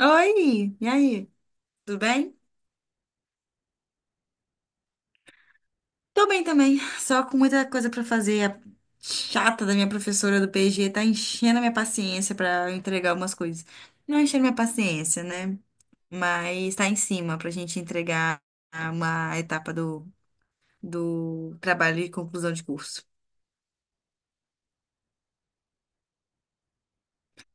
Oi, e aí? Tudo bem? Tô bem também, só com muita coisa pra fazer. A chata da minha professora do PG tá enchendo a minha paciência pra eu entregar umas coisas. Não enchendo minha paciência, né? Mas tá em cima pra gente entregar uma etapa do trabalho de conclusão de curso.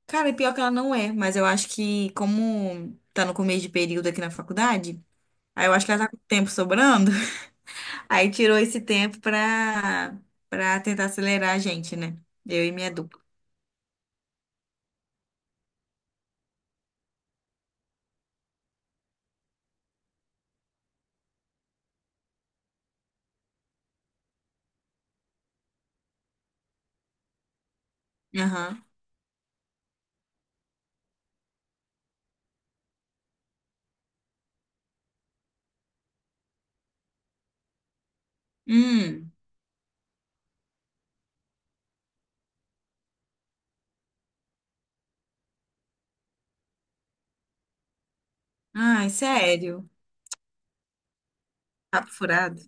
Cara, e pior que ela não é, mas eu acho que como tá no começo de período aqui na faculdade, aí eu acho que ela tá com tempo sobrando. Aí tirou esse tempo pra tentar acelerar a gente, né? Eu e minha dupla. Aham. Hum. Ai, sério. Papo furado.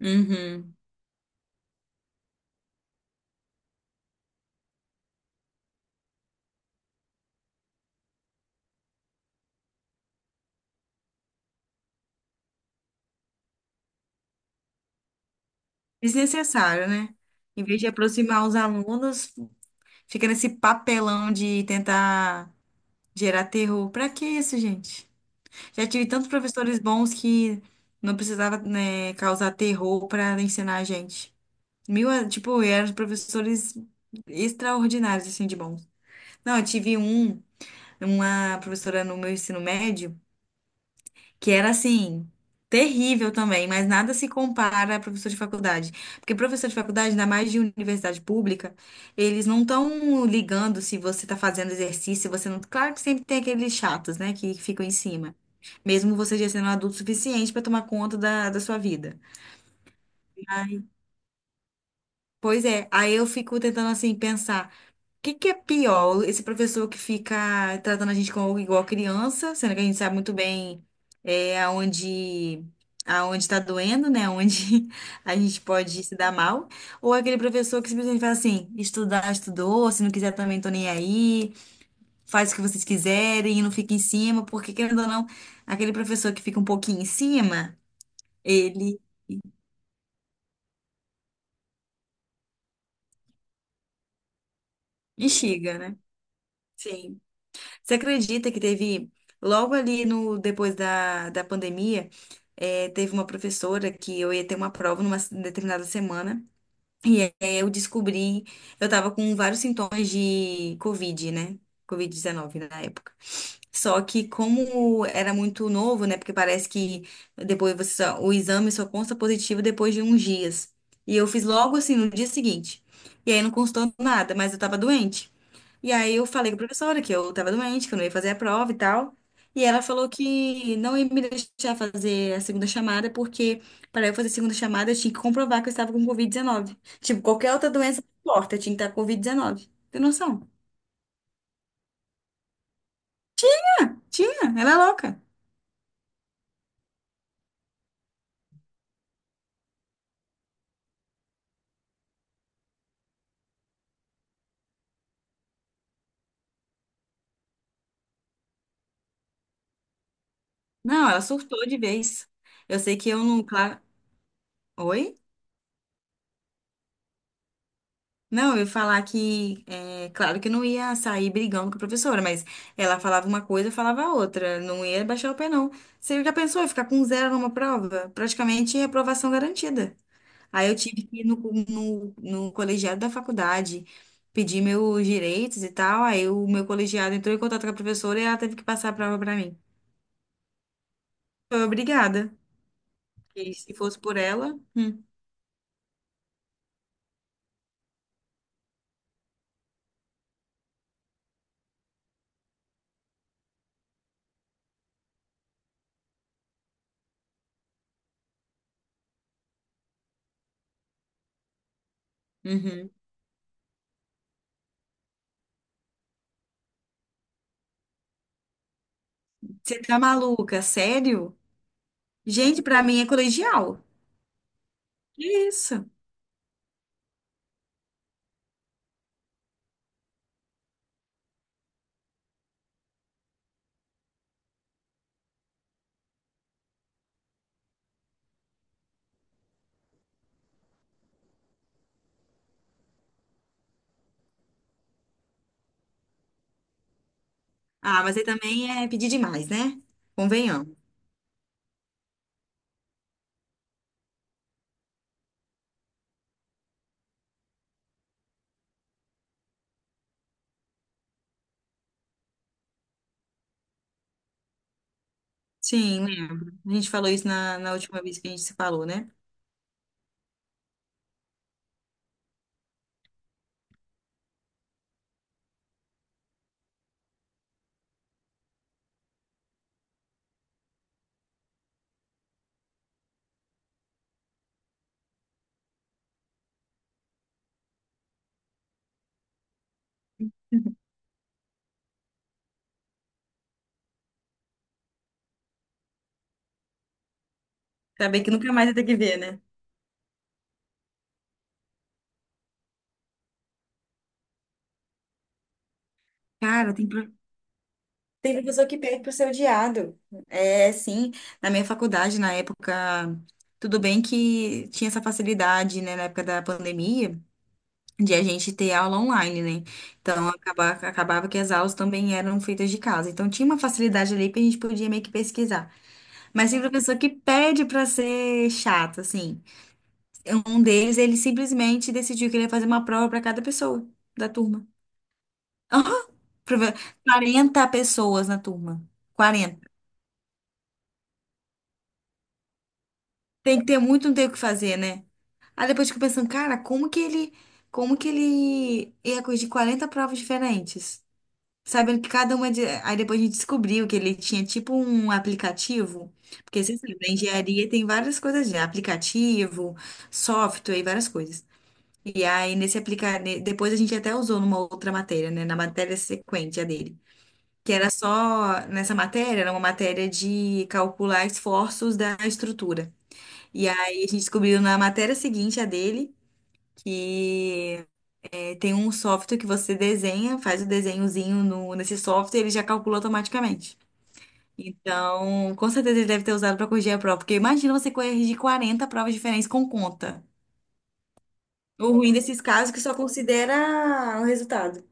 Uhum. Desnecessário, né? Em vez de aproximar os alunos, fica nesse papelão de tentar gerar terror. Pra que isso, gente? Já tive tantos professores bons que não precisava, né, causar terror pra ensinar a gente. Mil, tipo, eram professores extraordinários, assim, de bons. Não, eu tive um. Uma professora no meu ensino médio que era assim, terrível também, mas nada se compara a professor de faculdade. Porque professor de faculdade, ainda mais de universidade pública, eles não estão ligando se você está fazendo exercício, se você não. Claro que sempre tem aqueles chatos, né, que ficam em cima. Mesmo você já sendo adulto o suficiente para tomar conta da sua vida. Aí, pois é, aí eu fico tentando assim pensar. Que é pior? Esse professor que fica tratando a gente como igual criança, sendo que a gente sabe muito bem é, aonde está doendo, né? Onde a gente pode se dar mal. Ou aquele professor que simplesmente fala assim, estudar, estudou, se não quiser também tô nem aí, faz o que vocês quiserem e não fica em cima, porque querendo ou não, aquele professor que fica um pouquinho em cima, ele instiga, né? Sim. Você acredita que teve, logo ali no, depois da pandemia, teve uma professora que eu ia ter uma prova numa determinada semana, e aí eu descobri, eu tava com vários sintomas de Covid, né? Covid-19 na época. Só que como era muito novo, né? Porque parece que depois você o exame só consta positivo depois de uns dias. E eu fiz logo assim no dia seguinte. E aí não constou nada, mas eu tava doente. E aí eu falei com a professora que eu tava doente, que eu não ia fazer a prova e tal. E ela falou que não ia me deixar fazer a segunda chamada, porque para eu fazer a segunda chamada eu tinha que comprovar que eu estava com Covid-19. Tipo, qualquer outra doença não importa, eu tinha que estar com Covid-19. Tem noção? Tinha, ela é louca. Não, ela surtou de vez. Eu sei que eu não, claro. Oi? Não, eu ia falar que, é, claro que eu não ia sair brigando com a professora, mas ela falava uma coisa, eu falava outra. Não ia baixar o pé, não. Você já pensou em ficar com zero numa prova? Praticamente reprovação garantida. Aí eu tive que ir no colegiado da faculdade pedir meus direitos e tal. Aí o meu colegiado entrou em contato com a professora e ela teve que passar a prova pra mim. Foi obrigada. Porque se fosse por ela. Hum. Uhum. Você tá maluca? Sério? Gente, pra mim é colegial. Que isso? Ah, mas aí também é pedir demais, né? Convenhamos. Sim, lembro. A gente falou isso na última vez que a gente se falou, né? Saber que nunca mais vai ter que ver, né? Cara, tem professor que pede pro ser odiado. É, sim. Na minha faculdade, na época, tudo bem que tinha essa facilidade, né, na época da pandemia, de a gente ter aula online, né? Então, acabava que as aulas também eram feitas de casa. Então, tinha uma facilidade ali que a gente podia meio que pesquisar. Mas tem professor que pede pra ser chato, assim. Um deles, ele simplesmente decidiu que ele ia fazer uma prova pra cada pessoa da turma. Aham! Prove- 40 pessoas na turma. Quarenta. Tem que ter muito, não tem o que fazer, né? Aí depois eu fico pensando, cara, como que ele ia corrigir 40 provas diferentes? Sabendo que cada uma de... Aí depois a gente descobriu que ele tinha tipo um aplicativo, porque você sabe, na engenharia tem várias coisas de aplicativo, software e várias coisas. E aí, nesse aplicar, depois a gente até usou numa outra matéria, né? Na matéria sequente a dele. Que era só, nessa matéria, era uma matéria de calcular esforços da estrutura. E aí a gente descobriu na matéria seguinte a dele que é, tem um software que você desenha, faz o desenhozinho no, nesse software, ele já calcula automaticamente. Então, com certeza ele deve ter usado para corrigir a prova, porque imagina você corrigir 40 provas diferentes com conta. O ruim desses casos é que só considera o resultado.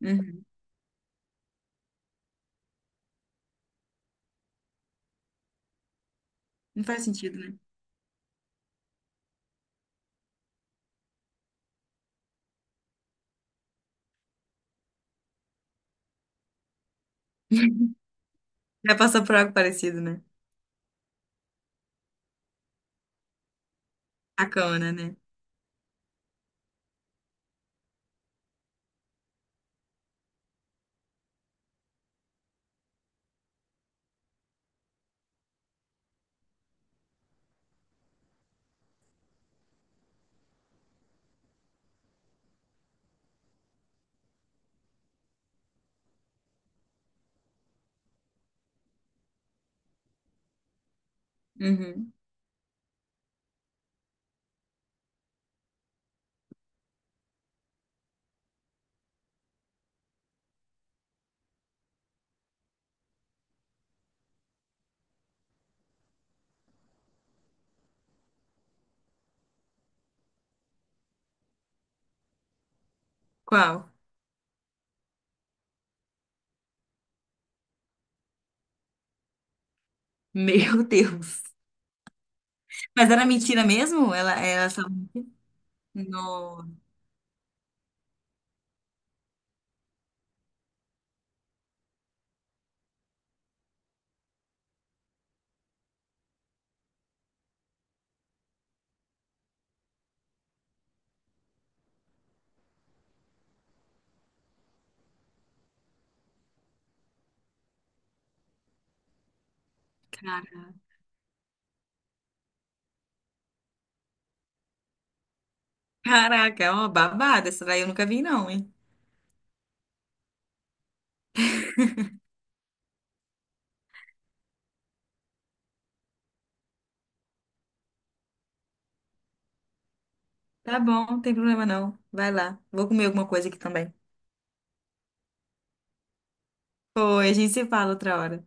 Uhum. Não faz sentido, né? Já passou por algo parecido, né? Sacana, né? Uhum. Qual? Meu Deus. Mas era mentira mesmo? Ela só... No... cara- Caraca, é uma babada. Essa daí eu nunca vi, não, hein? Tá bom, não tem problema não. Vai lá. Vou comer alguma coisa aqui também. Foi, a gente se fala outra hora.